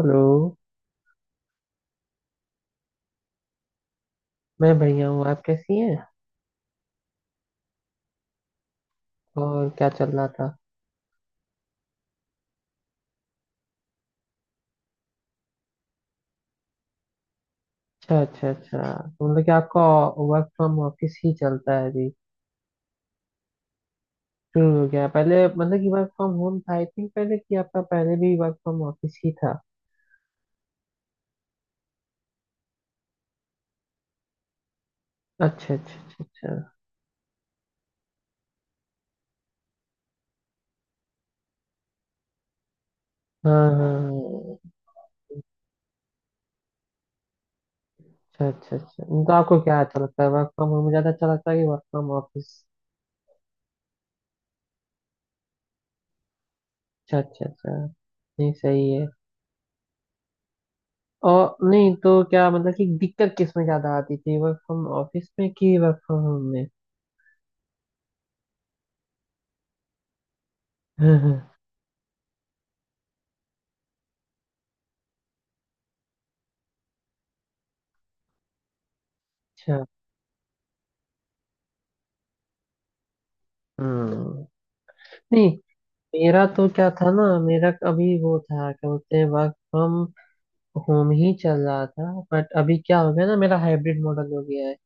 Hello. मैं बढ़िया हूँ, आप कैसी हैं? और क्या चल रहा था? अच्छा, अच्छा, अच्छा। तो मतलब कि आपका वर्क फ्रॉम ऑफिस ही चलता है अभी? शुरू हो गया? पहले मतलब कि वर्क फ्रॉम होम था, आई थिंक पहले कि आपका पहले भी वर्क फ्रॉम ऑफिस ही था? अच्छा, अच्छा, अच्छा, अच्छा। हाँ हाँ हाँ। अच्छा, अच्छा, अच्छा। तो आपको क्या अच्छा लगता है, वर्क फ्रॉम होम ज़्यादा अच्छा लगता है कि वर्क फ्रॉम ऑफिस? अच्छा, अच्छा, अच्छा। नहीं, सही है। और नहीं तो क्या, मतलब कि दिक्कत किस में ज़्यादा आती थी, वर्क फ्रॉम ऑफिस में कि वर्क फ्रॉम होम में? अच्छा। हम्म। नहीं, मेरा तो क्या था ना, मेरा अभी वो था, क्या बोलते हैं, वर्क फ्रॉम होम ही चल रहा था, बट अभी क्या हो गया ना, मेरा हाइब्रिड मॉडल हो गया है।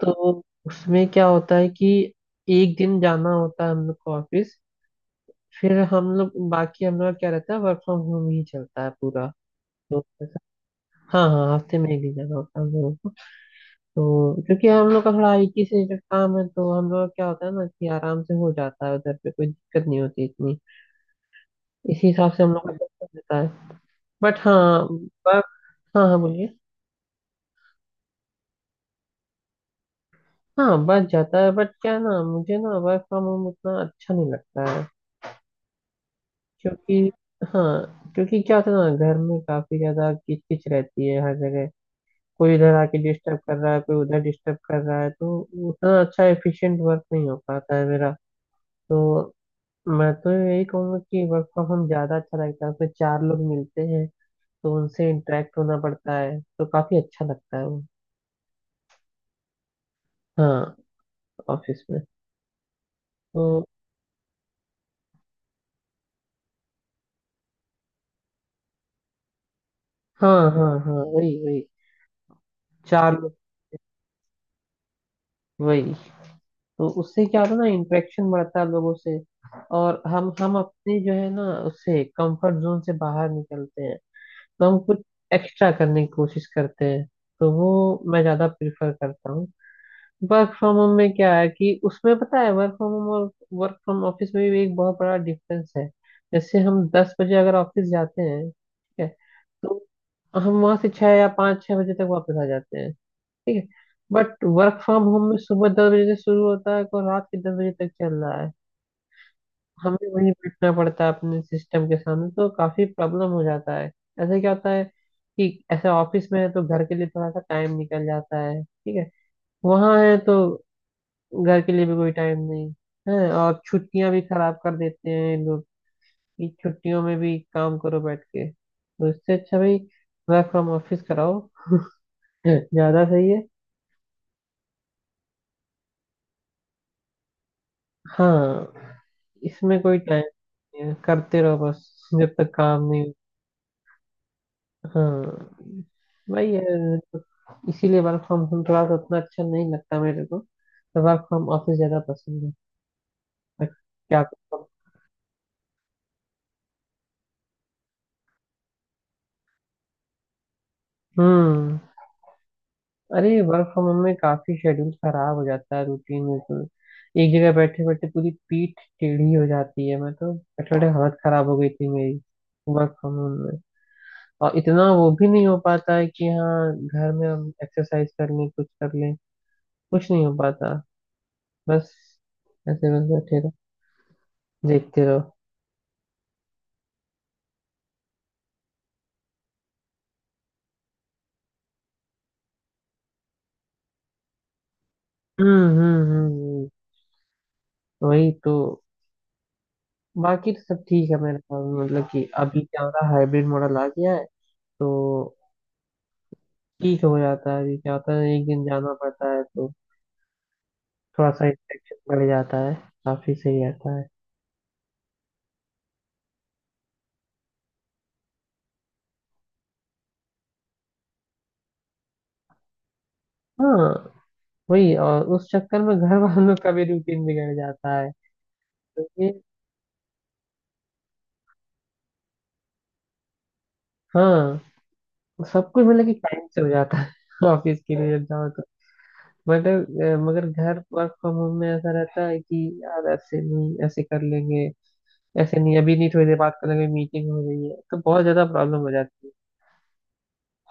तो उसमें क्या होता है कि एक दिन जाना होता है हम लोग को ऑफिस, फिर हम लोग बाकी हम लोग का क्या रहता है, वर्क फ्रॉम होम ही चलता है पूरा। तो हाँ हाँ, हफ्ते में एक दिन जाना होता है हम लोगों को। तो क्योंकि हम लोग का थोड़ा आईटी से रिलेटेड काम है, तो हम लोग का क्या होता है ना, कि आराम से हो जाता है, उधर पे कोई दिक्कत नहीं होती इतनी। इसी हिसाब से हम लोग का बच जाता है। बट हाँ, वर्क, हाँ हाँ बोलिए। हाँ बच जाता है, बट क्या ना, मुझे ना वर्क फ्रॉम होम उतना अच्छा नहीं लगता है। क्योंकि हाँ, क्योंकि क्या होता है ना, घर में काफी ज्यादा किचकिच रहती है हर जगह। कोई इधर आके डिस्टर्ब कर रहा है, कोई उधर डिस्टर्ब कर रहा है, तो उतना अच्छा एफिशिएंट वर्क नहीं हो पाता है मेरा। तो मैं तो यही कहूंगा कि वर्क फ्रॉम होम ज्यादा अच्छा लगता है, उसमें चार लोग मिलते हैं, तो उनसे इंटरेक्ट होना पड़ता है, तो काफी अच्छा लगता है वो। हाँ, ऑफिस में। तो हाँ हाँ हाँ, वही वही। चार लोग, वही। तो उससे क्या होता है ना, इंटरेक्शन बढ़ता है लोगों से। और हम अपने जो है ना, उससे कंफर्ट जोन से बाहर निकलते हैं। तो हम कुछ एक्स्ट्रा करने की कोशिश करते हैं। तो वो मैं ज्यादा प्रिफर करता हूँ। वर्क फ्रॉम होम में क्या है कि उसमें पता है, वर्क फ्रॉम होम और वर्क फ्रॉम ऑफिस में भी एक बहुत बड़ा डिफरेंस है। जैसे हम 10 बजे अगर ऑफिस जाते हैं, ठीक है, तो हम वहां से छह या 5-6 बजे तक वापस आ जाते हैं, ठीक है। बट वर्क फ्रॉम होम में सुबह 10 बजे से शुरू होता है और रात के 10 बजे तक चल रहा है। हमें वहीं बैठना पड़ता है अपने सिस्टम के सामने, तो काफी प्रॉब्लम हो जाता है। ऐसे क्या होता है कि ऐसे ऑफिस में है तो घर के लिए थोड़ा सा टाइम निकल जाता है, ठीक है। वहां है तो घर के लिए भी कोई टाइम नहीं है। और छुट्टियां भी खराब कर देते हैं ये लोग कि छुट्टियों में भी काम करो बैठ के। तो इससे अच्छा भाई वर्क फ्रॉम ऑफिस कराओ। ज्यादा सही है। हाँ, इसमें कोई टाइम नहीं है, करते रहो बस जब तक काम नहीं हो। हाँ भाई यार, तो इसीलिए वर्क फ्रॉम होम थोड़ा सा उतना अच्छा नहीं लगता मेरे को। तो वर्क फ्रॉम ऑफिस ज्यादा पसंद है। पर क्या करूं? हम्म। अरे वर्क फ्रॉम होम में काफी शेड्यूल खराब हो जाता है, रूटीन बिल्कुल। एक जगह बैठे बैठे पूरी पीठ टेढ़ी हो जाती है, मैं तो बैठे बैठे हालत खराब हो गई थी मेरी वर्क फ्रॉम होम में। और इतना वो भी नहीं हो पाता है कि हाँ घर में हम एक्सरसाइज कर लें, कुछ कर लें, कुछ नहीं हो पाता। बस ऐसे बस बैठे रहो, देखते रहो। हम्म हम्म हम्म हम्म, वही तो। बाकी तो सब ठीक है मेरे ख्याल में, मतलब कि अभी क्या होता है, हाइब्रिड मॉडल आ गया है, तो ठीक हो जाता है। अभी क्या होता है, एक दिन जाना पड़ता है, तो थोड़ा सा इन्फेक्शन बढ़ जाता है, काफी सही रहता है। हाँ वही, और उस चक्कर में घर वालों का भी रूटीन बिगड़ जाता है। क्योंकि हाँ, सब कुछ मतलब कि टाइम से हो जाता है। ऑफिस के लिए जाओ तो। बट मगर घर वर्क फ्रॉम होम में ऐसा रहता है कि यार ऐसे नहीं, ऐसे कर लेंगे, ऐसे नहीं अभी नहीं, थोड़ी देर बात कर लेंगे, मीटिंग हो रही है, तो बहुत ज्यादा प्रॉब्लम हो जाती है।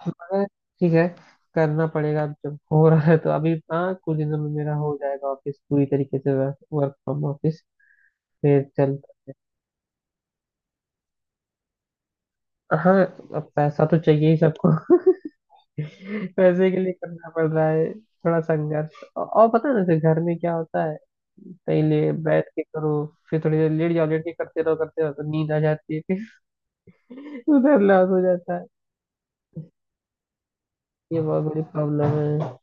मगर ठीक है, करना पड़ेगा, अब जब हो रहा है तो। अभी हाँ, कुछ दिनों में मेरा हो जाएगा ऑफिस, पूरी तरीके से वर्क फ्रॉम ऑफिस, फिर चल। हाँ, अब पैसा तो चाहिए ही सबको। पैसे के लिए करना पड़ रहा है थोड़ा संघर्ष, और पता है ना जैसे घर में क्या होता है, कहीं ले बैठ के करो, फिर थोड़ी देर लेट जाओ, लेट के करते रहो तो नींद आ जाती है फिर। उधर लॉस हो जाता है। ये बहुत बड़ी प्रॉब्लम है।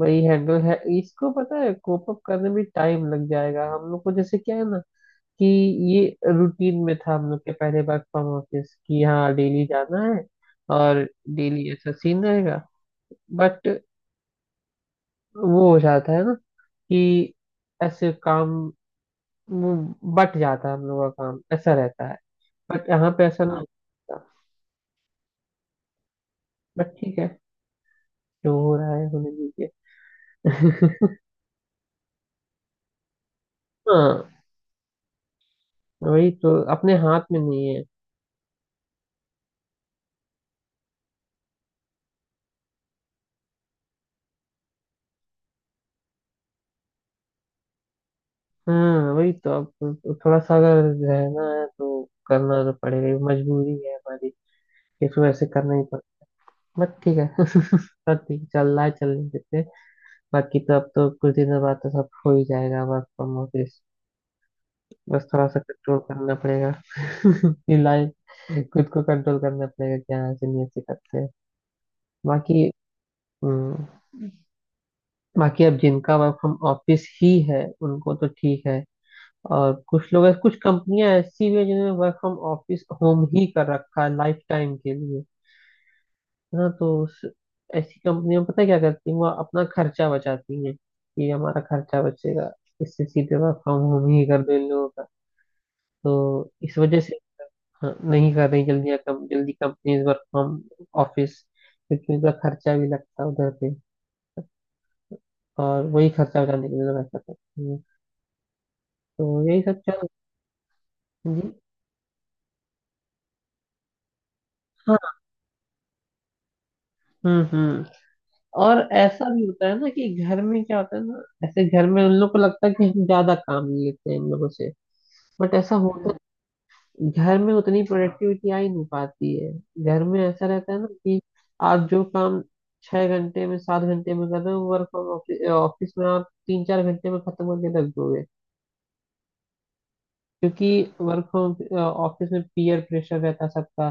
वही हैंडल है इसको, पता है कोप अप करने में टाइम लग जाएगा हम लोग को। जैसे क्या है ना, कि ये रूटीन में था हम लोग के पहले, वर्क फ्रॉम ऑफिस, कि हाँ डेली जाना है और डेली ऐसा सीन रहेगा। बट वो हो जाता है ना, कि ऐसे काम वो बट जाता है, हम लोग का काम ऐसा रहता है। बट यहाँ पे ऐसा ना। बट ठीक है, जो हो रहा है होने दीजिए। हाँ, वही तो, अपने हाथ में नहीं है। हाँ वही तो। अब थोड़ा सा, अगर रहना है तो करना तो पड़ेगा, ये मजबूरी है हमारी, इसको ऐसे करना ही पड़ता। बट ठीक है, सब ठीक चल रहा है, चलने देते हैं। बाकी तो अब तो कुछ दिनों बाद तो सब हो ही जाएगा वर्क फ्रॉम ऑफिस, बस थोड़ा सा कंट्रोल करना पड़ेगा। ये लाइफ, खुद को कंट्रोल करना पड़ेगा कि हाँ ऐसे नहीं, ऐसे करते हैं। बाकी हम्म, बाकी अब जिनका वर्क फ्रॉम ऑफिस ही है उनको तो ठीक है। और कुछ लोग, कुछ कंपनियां ऐसी भी है जिन्होंने वर्क फ्रॉम ऑफिस होम ही कर रखा है लाइफ टाइम के लिए, है ना। तो उस, ऐसी कंपनियां पता है क्या करती हैं, वो अपना खर्चा बचाती हैं, कि हमारा खर्चा बचेगा इससे, सीधे वर्क फ्रॉम होम ही कर दो इन लोगों का। तो इस वजह से हाँ, नहीं कर रही जल्दी या कम जल्दी कंपनीज वर्क फ्रॉम ऑफिस, क्योंकि उनका खर्चा भी लगता है उधर पे। और वही खर्चा बचाने के लिए लोग ऐसा करते हैं। तो यही सब चल। जी, हाँ। हम्म। और ऐसा भी होता है ना, कि घर में क्या होता है ना, ऐसे घर में उन लोग को लगता है कि हम ज्यादा काम ले लेते हैं इन लोगों से। बट ऐसा होता है, घर में उतनी प्रोडक्टिविटी आ ही नहीं पाती है। घर में ऐसा रहता है ना, कि आप जो काम 6 घंटे में, 7 घंटे में कर रहे हो, वर्क फ्रॉम ऑफिस में आप 3-4 घंटे में खत्म करके रख दोगे। क्योंकि वर्क फ्रॉम ऑफिस में पीयर प्रेशर रहता है सबका,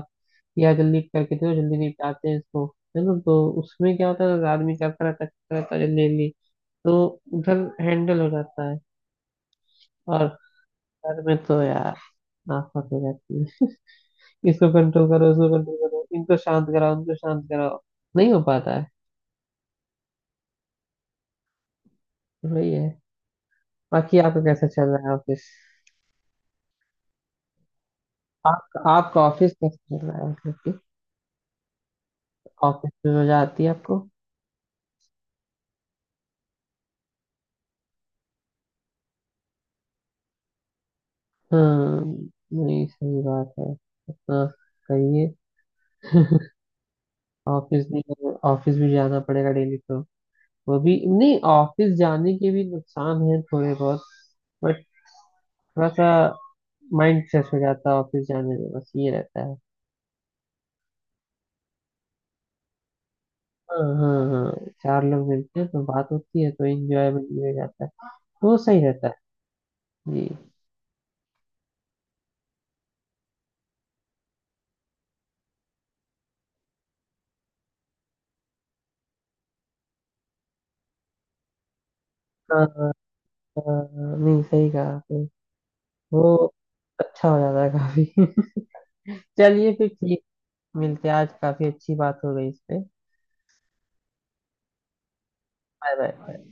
या जल्दी करके दो, जल्दी निपटाते हैं इसको, है ना। तो उसमें क्या होता है, आदमी करता रहता जल्दी जल्दी, तो उधर हैंडल हो जाता है। और घर में तो यार नाफत हो जाती है, इसको कंट्रोल करो, इसको कंट्रोल करो, इनको शांत कराओ, उनको शांत कराओ, नहीं हो पाता है। वही है। बाकी आपका कैसा चल रहा है ऑफिस? आप, आपका ऑफिस कैसा चल रहा है, मतलब कि ऑफिस में मजा आती है आपको? हाँ, नहीं सही बात है। इतना सही है। ऑफिस भी, ऑफिस भी जाना पड़ेगा डेली तो। वो भी नहीं, ऑफिस जाने के भी नुकसान है थोड़े बहुत, बट थोड़ा सा माइंड फ्रेश हो जाता है ऑफिस जाने में, बस ये रहता है। हाँ हाँ हाँ, चार लोग मिलते हैं तो बात होती है, तो इंजॉयबल भी हो जाता है, तो वो सही रहता है। जी, हाँ। हाँ, नहीं सही कहा आपने। वो अच्छा हो जाता है काफी। चलिए फिर ठीक, मिलते हैं, आज काफी अच्छी बात हो गई इस पे। आप आप।